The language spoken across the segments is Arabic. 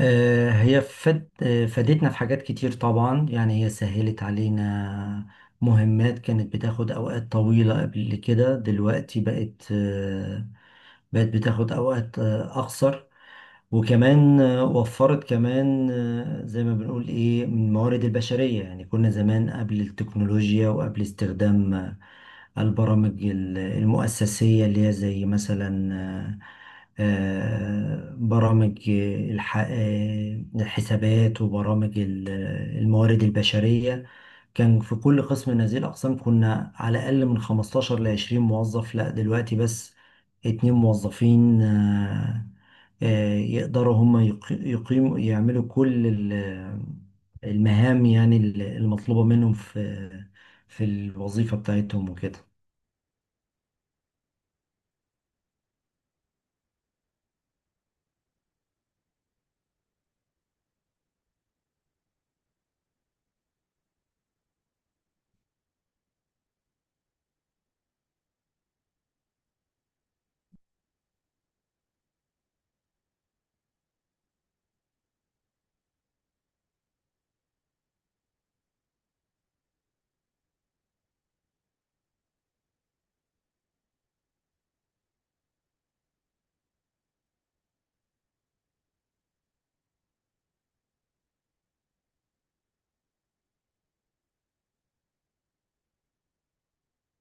هي فد... آه، فادتنا في حاجات كتير طبعا، يعني هي سهلت علينا مهمات كانت بتاخد أوقات طويلة قبل كده. دلوقتي بقت بتاخد أوقات أقصر. وكمان وفرت كمان، زي ما بنقول ايه، من الموارد البشرية. يعني كنا زمان قبل التكنولوجيا وقبل استخدام البرامج المؤسسية، اللي هي زي مثلا برامج الحسابات، وبرامج الموارد البشرية، كان في كل قسم من هذه الأقسام كنا على الأقل من 15 ل 20 موظف. لا دلوقتي بس اتنين موظفين يقدروا هم يقيموا يعملوا كل المهام، يعني المطلوبة منهم في في الوظيفة بتاعتهم وكده.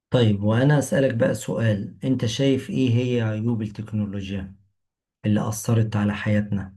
طيب وأنا أسألك بقى سؤال، أنت شايف إيه هي عيوب التكنولوجيا اللي أثرت على حياتنا؟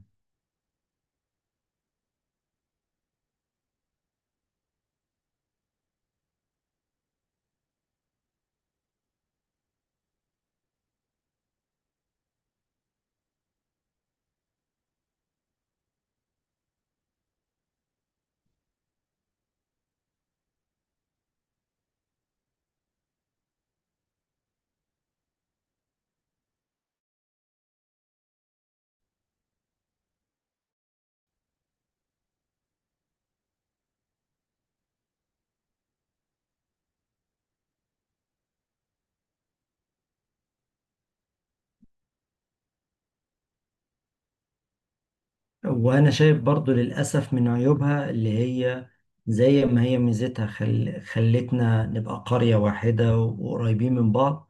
وانا شايف برضو للاسف من عيوبها، اللي هي زي ما هي ميزتها، خلتنا نبقى قرية واحدة وقريبين من بعض،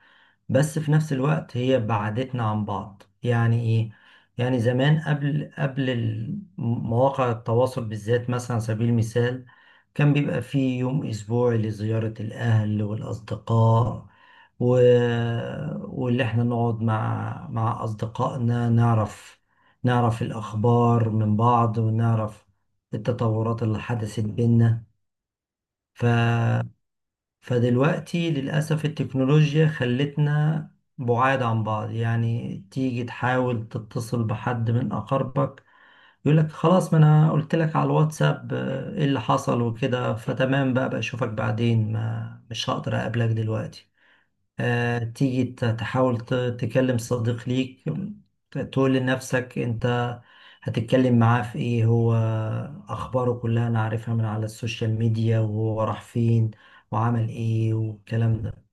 بس في نفس الوقت هي بعدتنا عن بعض. يعني ايه؟ يعني زمان قبل مواقع التواصل بالذات، مثلا على سبيل المثال كان بيبقى فيه يوم أسبوعي لزيارة الأهل والأصدقاء و... واللي احنا نقعد مع أصدقائنا، نعرف الأخبار من بعض، ونعرف التطورات اللي حدثت بينا. ف فدلوقتي للأسف التكنولوجيا خلتنا بعاد عن بعض. يعني تيجي تحاول تتصل بحد من أقاربك يقولك خلاص، ما أنا قلت لك على الواتساب إيه اللي حصل وكده، فتمام بقى، أشوفك بعدين، ما مش هقدر أقابلك دلوقتي. تيجي تحاول تكلم صديق ليك، تقول لنفسك انت هتتكلم معاه في ايه، هو اخباره كلها انا عارفها من على السوشيال ميديا، وهو راح فين وعمل ايه والكلام ده.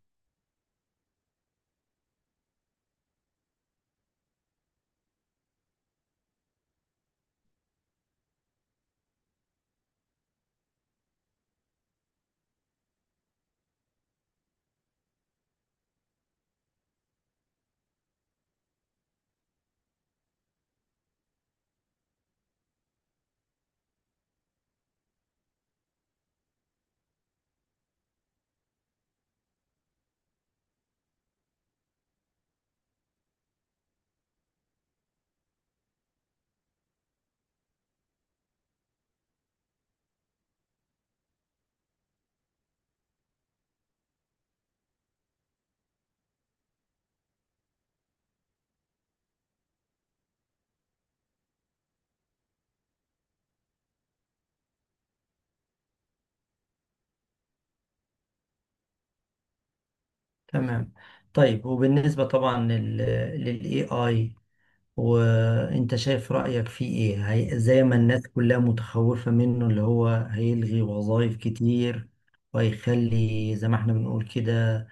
تمام. طيب وبالنسبة طبعا لل للاي اي، وانت شايف رأيك فيه ايه؟ هي زي ما الناس كلها متخوفة منه، اللي هو هيلغي وظائف كتير، وهيخلي زي ما احنا بنقول كده،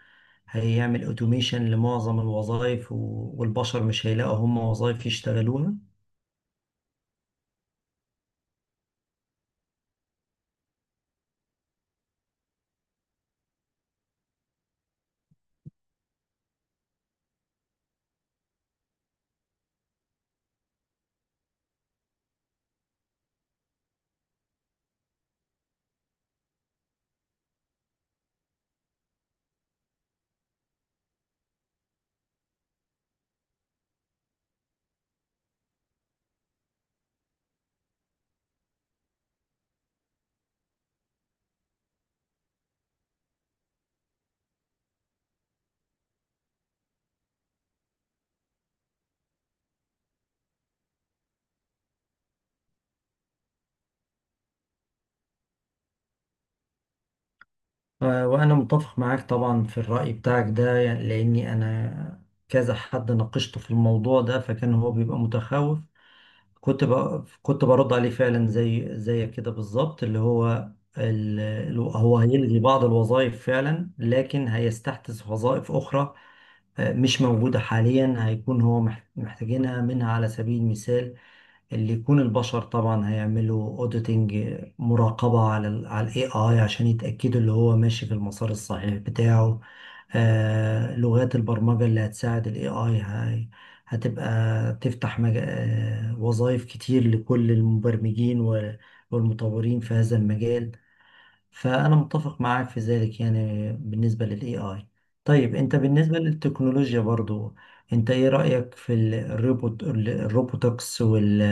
هيعمل اوتوميشن لمعظم الوظائف، والبشر مش هيلاقوا هم وظائف يشتغلوها. وانا متفق معاك طبعا في الرأي بتاعك ده، يعني لاني انا كذا حد ناقشته في الموضوع ده فكان هو بيبقى متخوف. كنت برد عليه فعلا زي كده بالظبط، اللي هو هو هيلغي بعض الوظائف فعلا، لكن هيستحدث وظائف أخرى مش موجودة حاليا، هيكون هو محتاجينها منها. على سبيل المثال، اللي يكون البشر طبعا هيعملوا اوديتنج، مراقبة على ال على الاي اي، عشان يتأكدوا اللي هو ماشي في المسار الصحيح بتاعه. لغات البرمجة اللي هتساعد ال AI هاي هتبقى تفتح مج... آه، وظائف كتير لكل المبرمجين والمطورين في هذا المجال. فأنا متفق معاك في ذلك، يعني بالنسبة لل AI. طيب أنت بالنسبة للتكنولوجيا برضو، أنت إيه رأيك في الروبوت الروبوتكس وال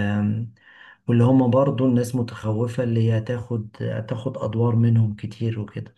واللي هم برضو الناس متخوفة، اللي هي هتاخد أدوار منهم كتير وكده؟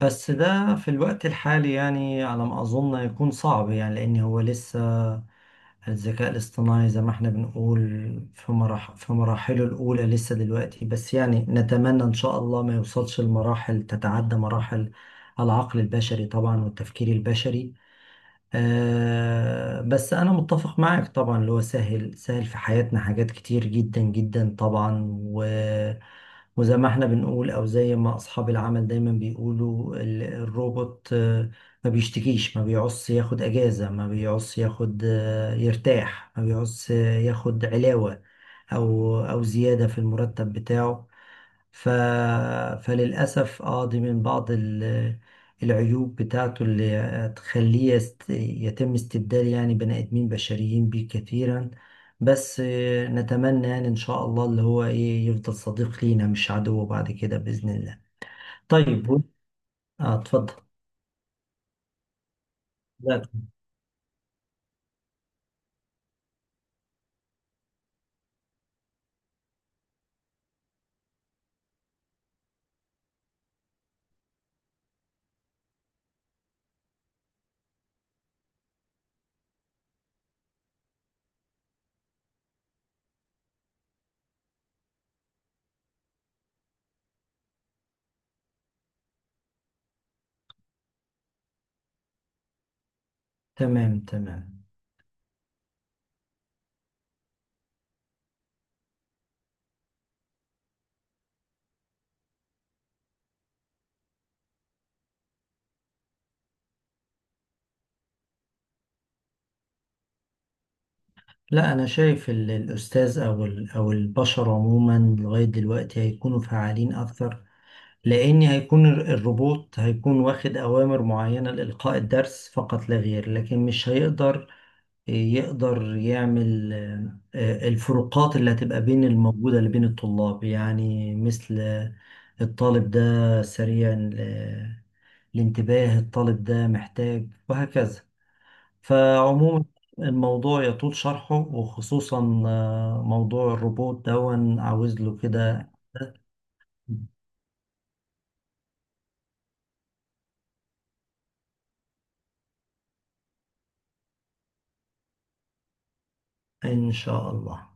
بس ده في الوقت الحالي يعني على ما أظن يكون صعب، يعني لأن هو لسه الذكاء الاصطناعي، زي ما احنا بنقول، في مراحله الأولى لسه دلوقتي بس. يعني نتمنى إن شاء الله ما يوصلش لمراحل تتعدى مراحل العقل البشري طبعا والتفكير البشري. آه بس أنا متفق معك طبعا، اللي هو سهل في حياتنا حاجات كتير جدا جدا طبعا. وزي ما احنا بنقول، او زي ما اصحاب العمل دايما بيقولوا، الروبوت ما بيشتكيش، ما بيعص ياخد اجازة، ما بيعص ياخد يرتاح، ما بيعص ياخد علاوة او او زيادة في المرتب بتاعه. ف... فللأسف اه دي من بعض العيوب بتاعته، اللي هتخليه يتم استبدال يعني بني آدمين بشريين بيه كثيرا. بس نتمنى يعني إن شاء الله اللي هو إيه يفضل صديق لينا مش عدو بعد كده بإذن الله. طيب اه اتفضل. لا. تمام تمام. لا أنا شايف الأستاذ أو أو البشر عموما لغاية دلوقتي هيكونوا فعالين أكثر، لأن هيكون الروبوت هيكون واخد أوامر معينة لإلقاء الدرس فقط لا غير، لكن مش هيقدر يقدر يعمل آه، الفروقات اللي هتبقى بين الموجودة اللي بين الطلاب، يعني مثل الطالب ده سريع الانتباه، الطالب ده محتاج، وهكذا. فعموما الموضوع يطول شرحه، وخصوصا موضوع الروبوت دون عاوز له كده. إن شاء الله.